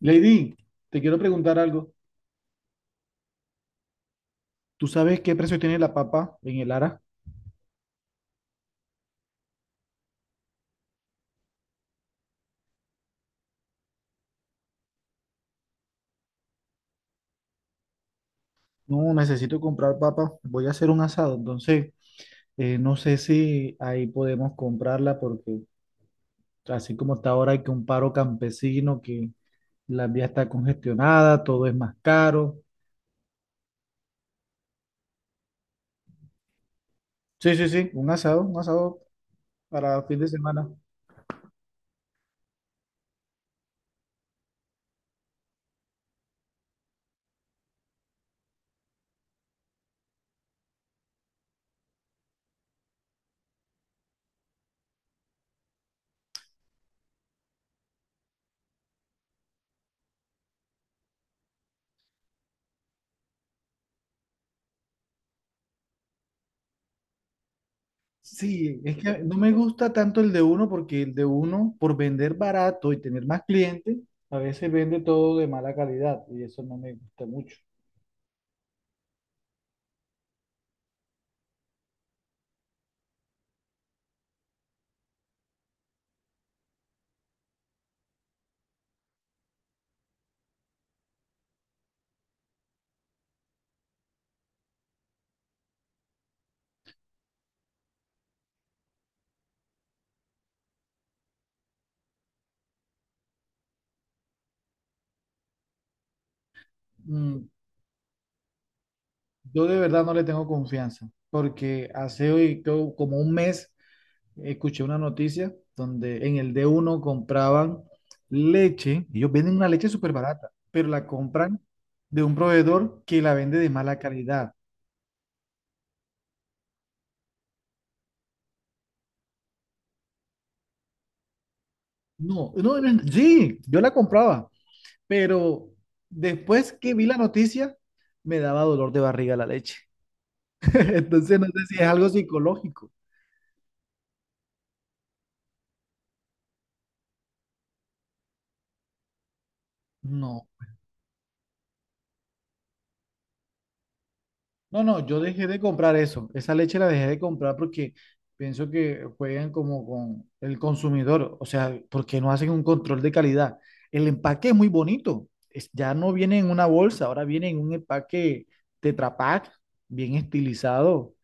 Lady, te quiero preguntar algo. ¿Tú sabes qué precio tiene la papa en el Ara? No, necesito comprar papa. Voy a hacer un asado, entonces no sé si ahí podemos comprarla porque así como está ahora hay que un paro campesino, que la vía está congestionada, todo es más caro. Sí, sí, sí, un asado para fin de semana. Sí, es que no me gusta tanto el de uno porque el de uno, por vender barato y tener más clientes, a veces vende todo de mala calidad y eso no me gusta mucho. mm, yo de verdad no le tengo confianza, porque hace hoy como un mes escuché una noticia donde en el d uno compraban leche. Ellos venden una leche súper barata, pero la compran de un proveedor que la vende de mala calidad. No, no, no, sí, yo la compraba, pero después que vi la noticia, me daba dolor de barriga la leche. Entonces no sé si es algo psicológico. No. No, no, yo dejé de comprar eso. Esa leche la dejé de comprar porque pienso que juegan como con el consumidor. O sea, porque no hacen un control de calidad. El empaque es muy bonito. Ya no viene en una bolsa, ahora viene en un empaque Tetra Pak, bien estilizado.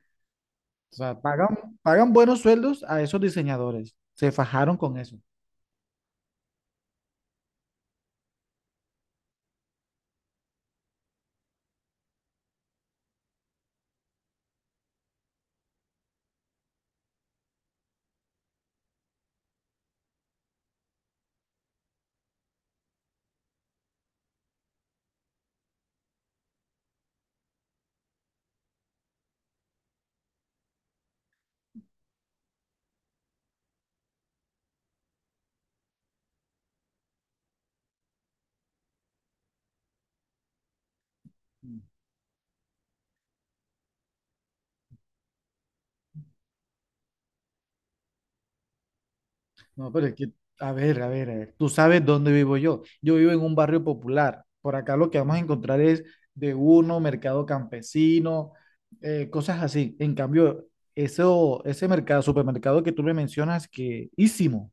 O sea, pagan, pagan buenos sueldos a esos diseñadores. Se fajaron con eso. No, pero es que, a ver, a ver, a ver, tú sabes dónde vivo yo. Yo vivo en un barrio popular. Por acá lo que vamos a encontrar es de uno, mercado campesino, cosas así. En cambio, eso, ese mercado, supermercado que tú me mencionas, que ísimo,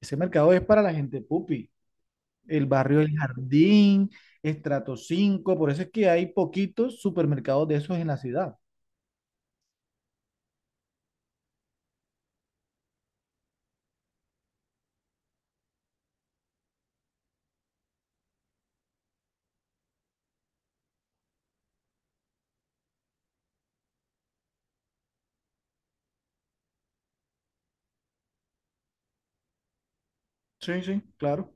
ese mercado es para la gente pupi. El barrio El Jardín, estrato cinco, por eso es que hay poquitos supermercados de esos en la ciudad. Sí, sí, claro.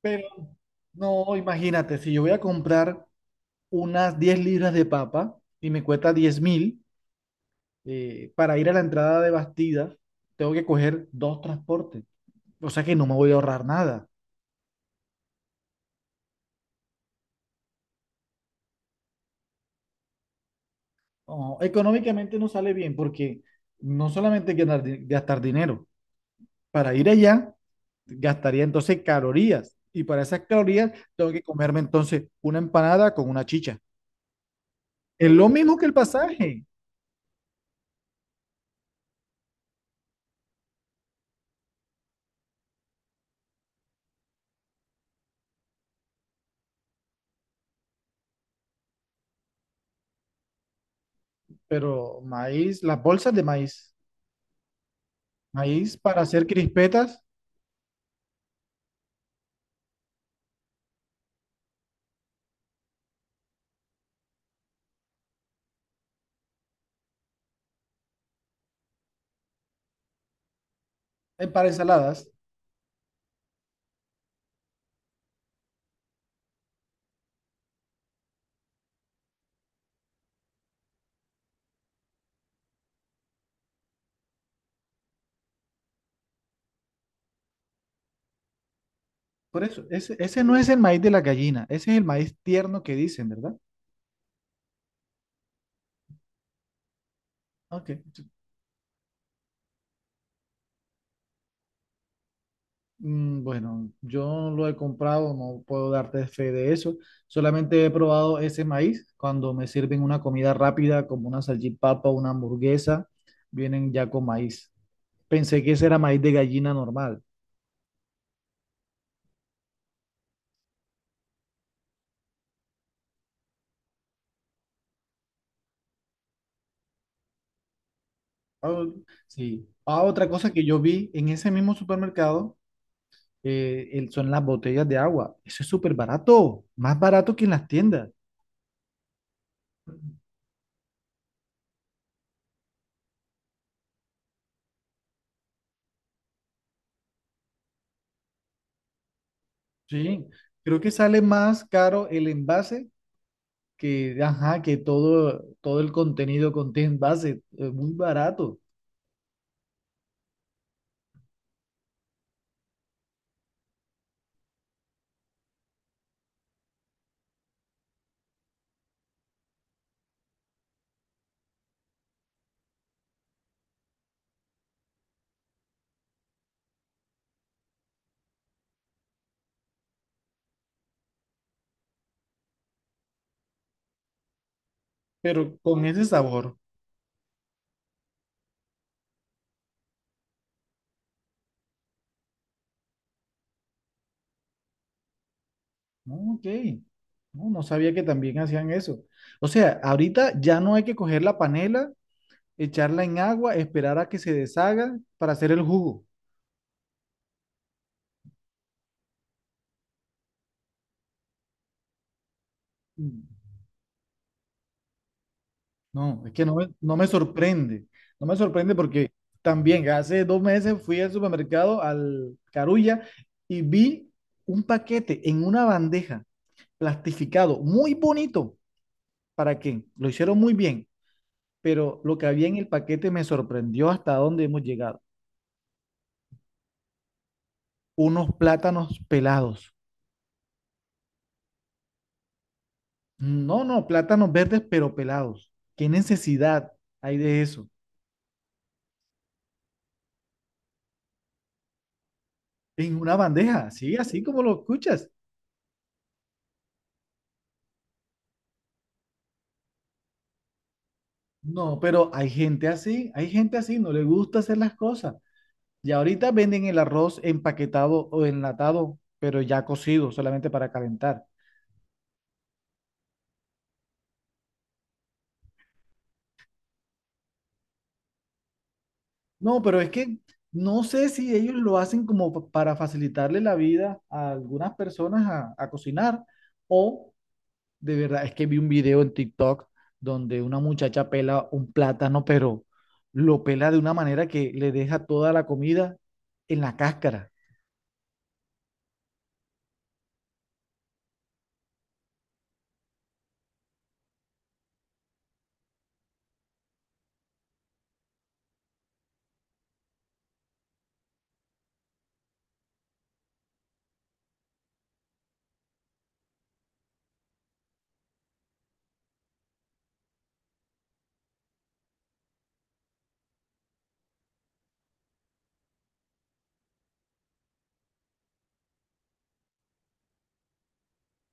Pero no, imagínate, si yo voy a comprar unas 10 libras de papa y me cuesta 10.000, para ir a la entrada de Bastida tengo que coger 2 transportes. O sea que no me voy a ahorrar nada. No, económicamente no sale bien porque no solamente hay que ganar gastar dinero, para ir allá gastaría entonces calorías y para esas calorías tengo que comerme entonces una empanada con una chicha. Es lo mismo que el pasaje, pero maíz, las bolsas de maíz, maíz para hacer crispetas, para ensaladas. Por eso, ese no es el maíz de la gallina, ese es el maíz tierno que dicen, ¿verdad? Ok. Mm. Bueno, yo no lo he comprado, no puedo darte fe de eso. Solamente he probado ese maíz cuando me sirven una comida rápida como una salchipapa, una hamburguesa, vienen ya con maíz. Pensé que ese era maíz de gallina normal. Ah, sí. Ah, otra cosa que yo vi en ese mismo supermercado, son las botellas de agua. Eso es súper barato, más barato que en las tiendas. Sí, creo que sale más caro el envase que, ajá, que todo, todo el contenido contiene envase, es muy barato, pero con ese sabor. No, ok, no, no sabía que también hacían eso. O sea, ahorita ya no hay que coger la panela, echarla en agua, esperar a que se deshaga para hacer el jugo. No, es que no me, no me sorprende. No me sorprende porque también hace 2 meses fui al supermercado, al Carulla, y vi un paquete en una bandeja, plastificado, muy bonito. ¿Para qué? Lo hicieron muy bien, pero lo que había en el paquete me sorprendió hasta dónde hemos llegado. Unos plátanos pelados. No, no, plátanos verdes, pero pelados. ¿Qué necesidad hay de eso? En una bandeja, sí, así como lo escuchas. No, pero hay gente así, no le gusta hacer las cosas. Y ahorita venden el arroz empaquetado o enlatado, pero ya cocido, solamente para calentar. No, pero es que no sé si ellos lo hacen como para facilitarle la vida a algunas personas a cocinar, o de verdad, es que vi un video en TikTok donde una muchacha pela un plátano, pero lo pela de una manera que le deja toda la comida en la cáscara.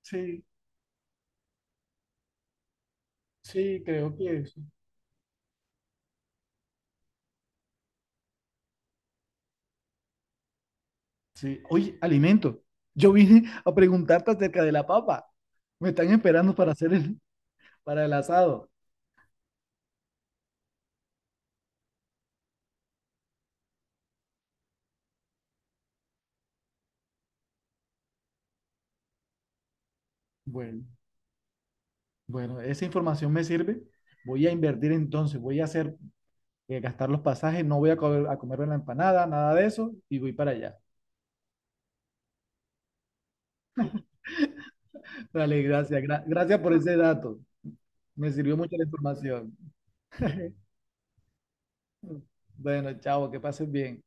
Sí, sí, creo que es. Sí. Oye, alimento. Yo vine a preguntarte acerca de la papa. Me están esperando para hacer el, para el asado. Bueno, bueno, esa información me sirve. Voy a invertir entonces, voy a hacer, gastar los pasajes, no voy a, comer, a comerme la empanada, nada de eso, y voy para allá. Dale, gracias, gracias por ese dato. Me sirvió mucho la información. Bueno, chao, que pases bien.